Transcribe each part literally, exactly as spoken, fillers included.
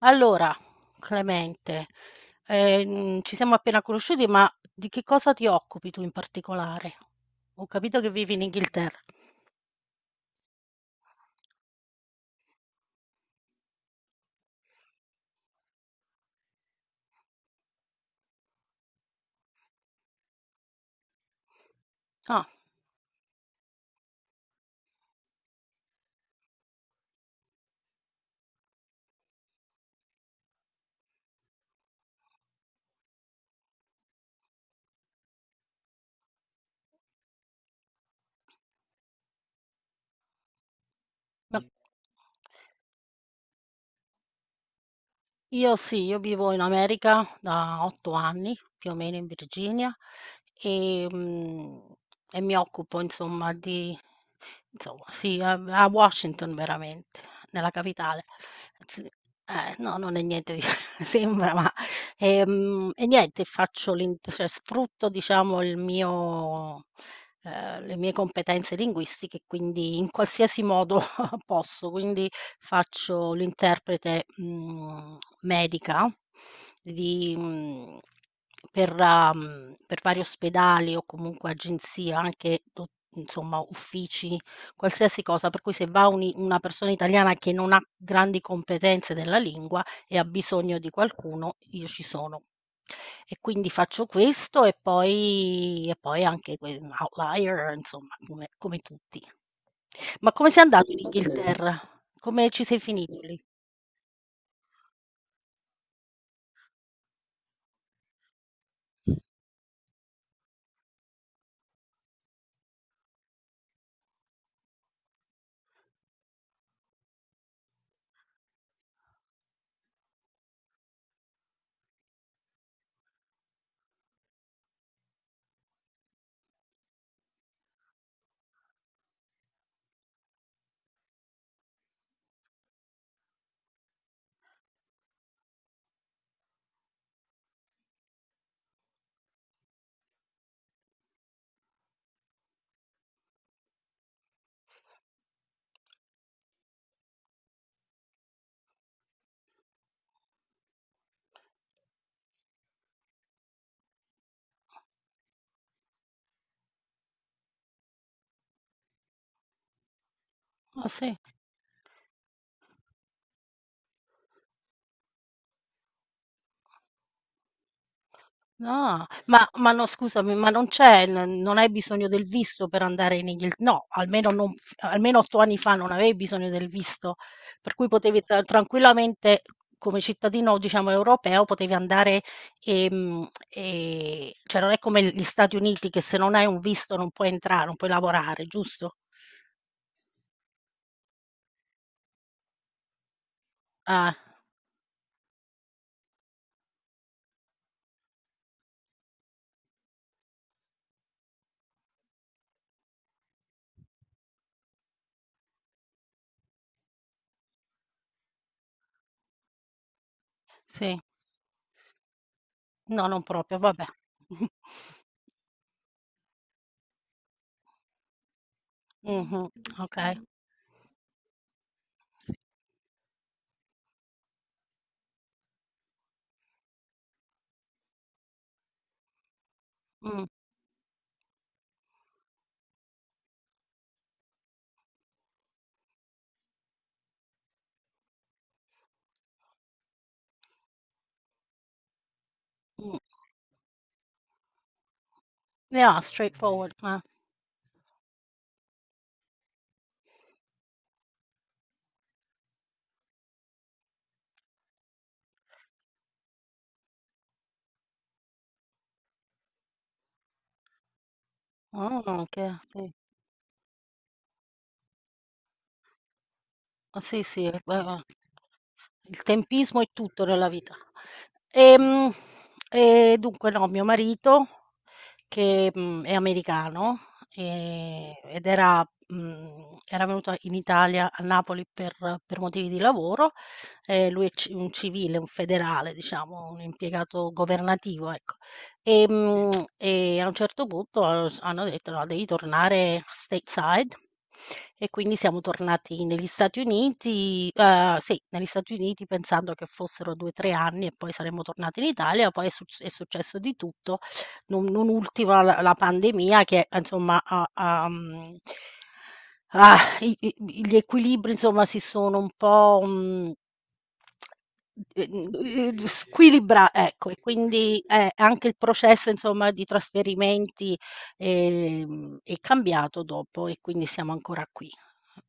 Allora, Clemente, ehm, ci siamo appena conosciuti, ma di che cosa ti occupi tu in particolare? Ho capito che vivi in Inghilterra. Ah, ma sì. Io sì, io vivo in America da otto anni, più o meno in Virginia, e, mm, e mi occupo insomma di insomma, sì, a a Washington veramente, nella capitale. Sì, eh, no, non è niente di sembra, ma ehm, e niente, faccio l'in cioè sfrutto diciamo il mio ehm, le mie competenze linguistiche, quindi in qualsiasi modo posso. Quindi faccio l'interprete, mhmm, medica di mhmm, per mhmm, per vari ospedali o comunque agenzie, anche do insomma uffici. Qualsiasi cosa, per cui se va un i una persona italiana che non ha grandi competenze della lingua e ha bisogno di qualcuno, io ci sono. E quindi faccio questo e poi e poi anche que un outlier, insomma, come come tutti. Ma come sei andato in Inghilterra? Come ci sei finito lì? Ah sì? Ah, ma ma no, scusami, ma non c'è n non hai bisogno del visto per andare in Inghil no, almeno non f almeno otto anni fa non avevi bisogno del visto, per cui potevi tra tranquillamente come cittadino, diciamo, europeo potevi andare, ehm, ehm, cioè non è come gli Stati Uniti che se non hai un visto non puoi entrare, non puoi lavorare, giusto? Ah, sì. No, non proprio, vabbè. Mh-mh, okay, sì. Mh, mh. Yeah, straightforward, eh. Ah, che sì. Ah, sì, sì, eh, beh, il tempismo è tutto nella vita. Ehm, E, dunque no, mio marito che, mhmm, è americano, ehm, ed era mhmm, era venuto in Italia, a Napoli per per motivi di lavoro. Ehm, lui è ci un civile, un federale diciamo, un impiegato governativo, ecco. Sì. Ehm, e a un certo punto eh, s hanno detto: "No, devi tornare stateside." E quindi siamo tornati negli Stati Uniti, uhm, sì, negli Stati Uniti pensando che fossero due, tre anni e poi saremmo tornati in Italia, poi è suc è successo di tutto, non, non ultima la, la pandemia che insomma ha, ha, mhmm, ah, i i gli equilibri insomma si sono un po', mhmm, e mhmm, ehm, squilibra ecco, e quindi eh, anche il processo insomma di trasferimenti, ehm, è cambiato dopo e quindi siamo ancora qui.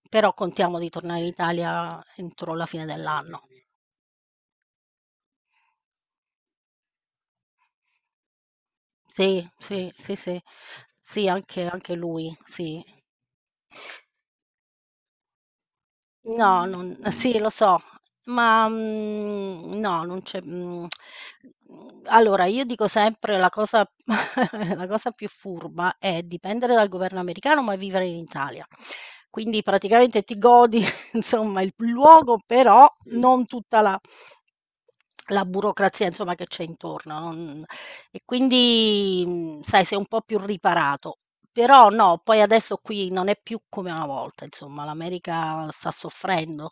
Però contiamo di tornare in Italia entro la fine dell'anno. Sì, sì, sì, sì. Sì, anche anche lui, sì. No, non sì lo so, ma, mhmm, no, non c'è mhmm, allora io dico sempre la cosa la cosa più furba è dipendere dal governo americano, ma vivere in Italia. Quindi praticamente ti godi insomma il luogo, però non tutta la la burocrazia insomma che c'è intorno, non e quindi, mhmm, sai, sei un po' più riparato. Però no, poi adesso qui non è più come una volta, insomma, l'America sta soffrendo.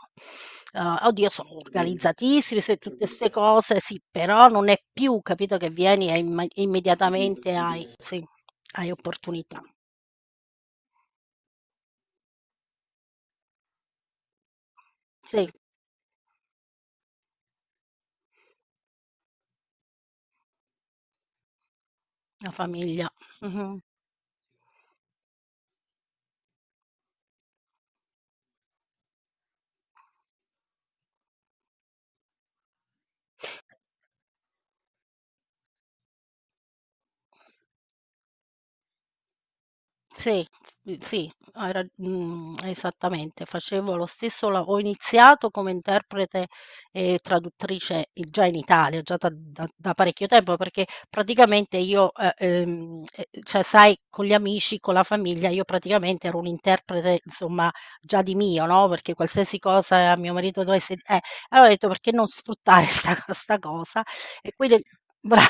Uhm, oddio, sono mh, organizzatissimi, se tutte 'ste cose, sì, però non è più, capito, che vieni e imma immediatamente hai sì, hai opportunità. Sì, la famiglia. Mh-mh. Sì, s sì, hai rag mhmm, esattamente. Facevo lo stesso la ho iniziato come interprete e traduttrice i già in Italia, già da da da parecchio tempo, perché praticamente io, ehm, ehm, e cioè sai, con gli amici, con la famiglia, io praticamente ero un'interprete insomma già di mio, no, perché qualsiasi cosa mio marito dovesse eh, allora ho detto: "Perché non sfruttare sta sta cosa?" E quindi bra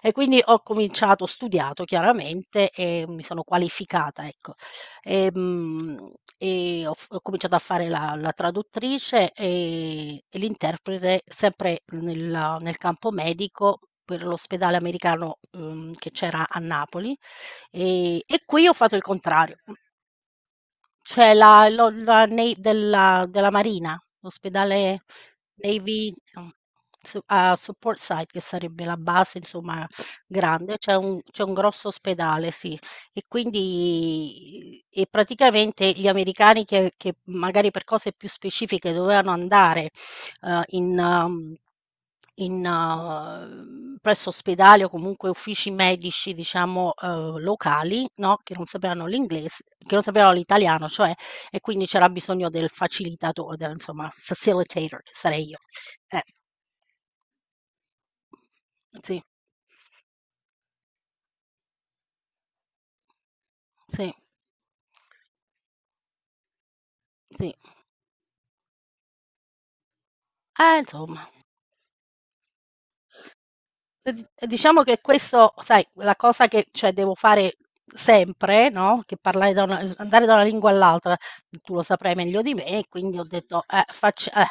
e quindi ho cominciato, ho studiato chiaramente e mi sono qualificata, ecco. Ehm, e ho f ho cominciato a fare la la traduttrice e e l'interprete sempre nella nel campo medico per l'ospedale americano, uhm, che c'era a Napoli, ehm, e qui ho fatto il contrario. C'è la lo la nei della della Marina, l'ospedale Navy no, su a Support Site, che sarebbe la base insomma grande, c'è un c'è un grosso ospedale, sì. E quindi e praticamente gli americani che che magari per cose più specifiche dovevano andare, uhm, in um, in uhm, presso ospedali o comunque uffici medici, diciamo, uhm, locali, no, che non sapevano l'ingles che non sapevano l'italiano, cioè, e quindi c'era bisogno del facilitato del insomma, facilitator, che sarei io. Eh, sì, sì, sì. Eh, insomma. E di e diciamo che questo, sai, la cosa che cioè, devo fare sempre, no, che parlare da una s andare da una lingua all'altra, tu lo saprai meglio di me, e quindi ho detto, eh, facc eh,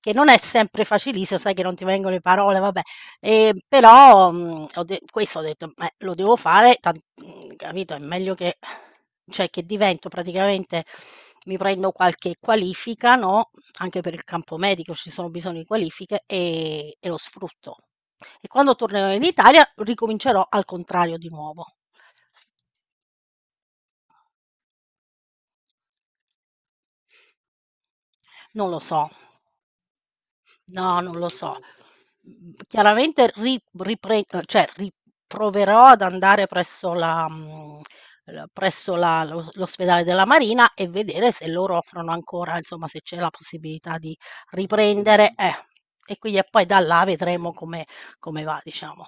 che non è sempre facilissimo, sai che non ti vengono le parole, vabbè, ehm, però, mhmm, ho de questo ho detto: "Beh, lo devo fare, tan mhmm, capito, è meglio che cioè, che divento praticamente, mi prendo qualche qualifica, no, anche per il campo medico ci sono bisogno di qualifiche, e e lo sfrutto." E quando tornerò in Italia ricomincerò al contrario di nuovo. Non lo so. No, non lo so. Mhmm, chiaramente ri ripre uhm, cioè ri proverò ad andare presso la mhmm, l presso la lo l'ospedale della Marina e vedere se loro offrono ancora insomma, se c'è la possibilità di riprendere eh, e quindi e poi da là vedremo come come va diciamo.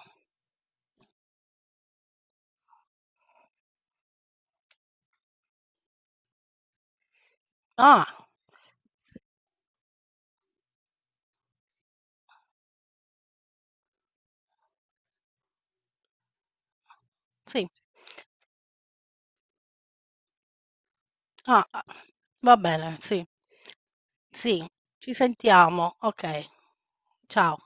Ah. Sì. Ah, ah. Va bene, sì. Sì, ci sentiamo. Okay, ciao.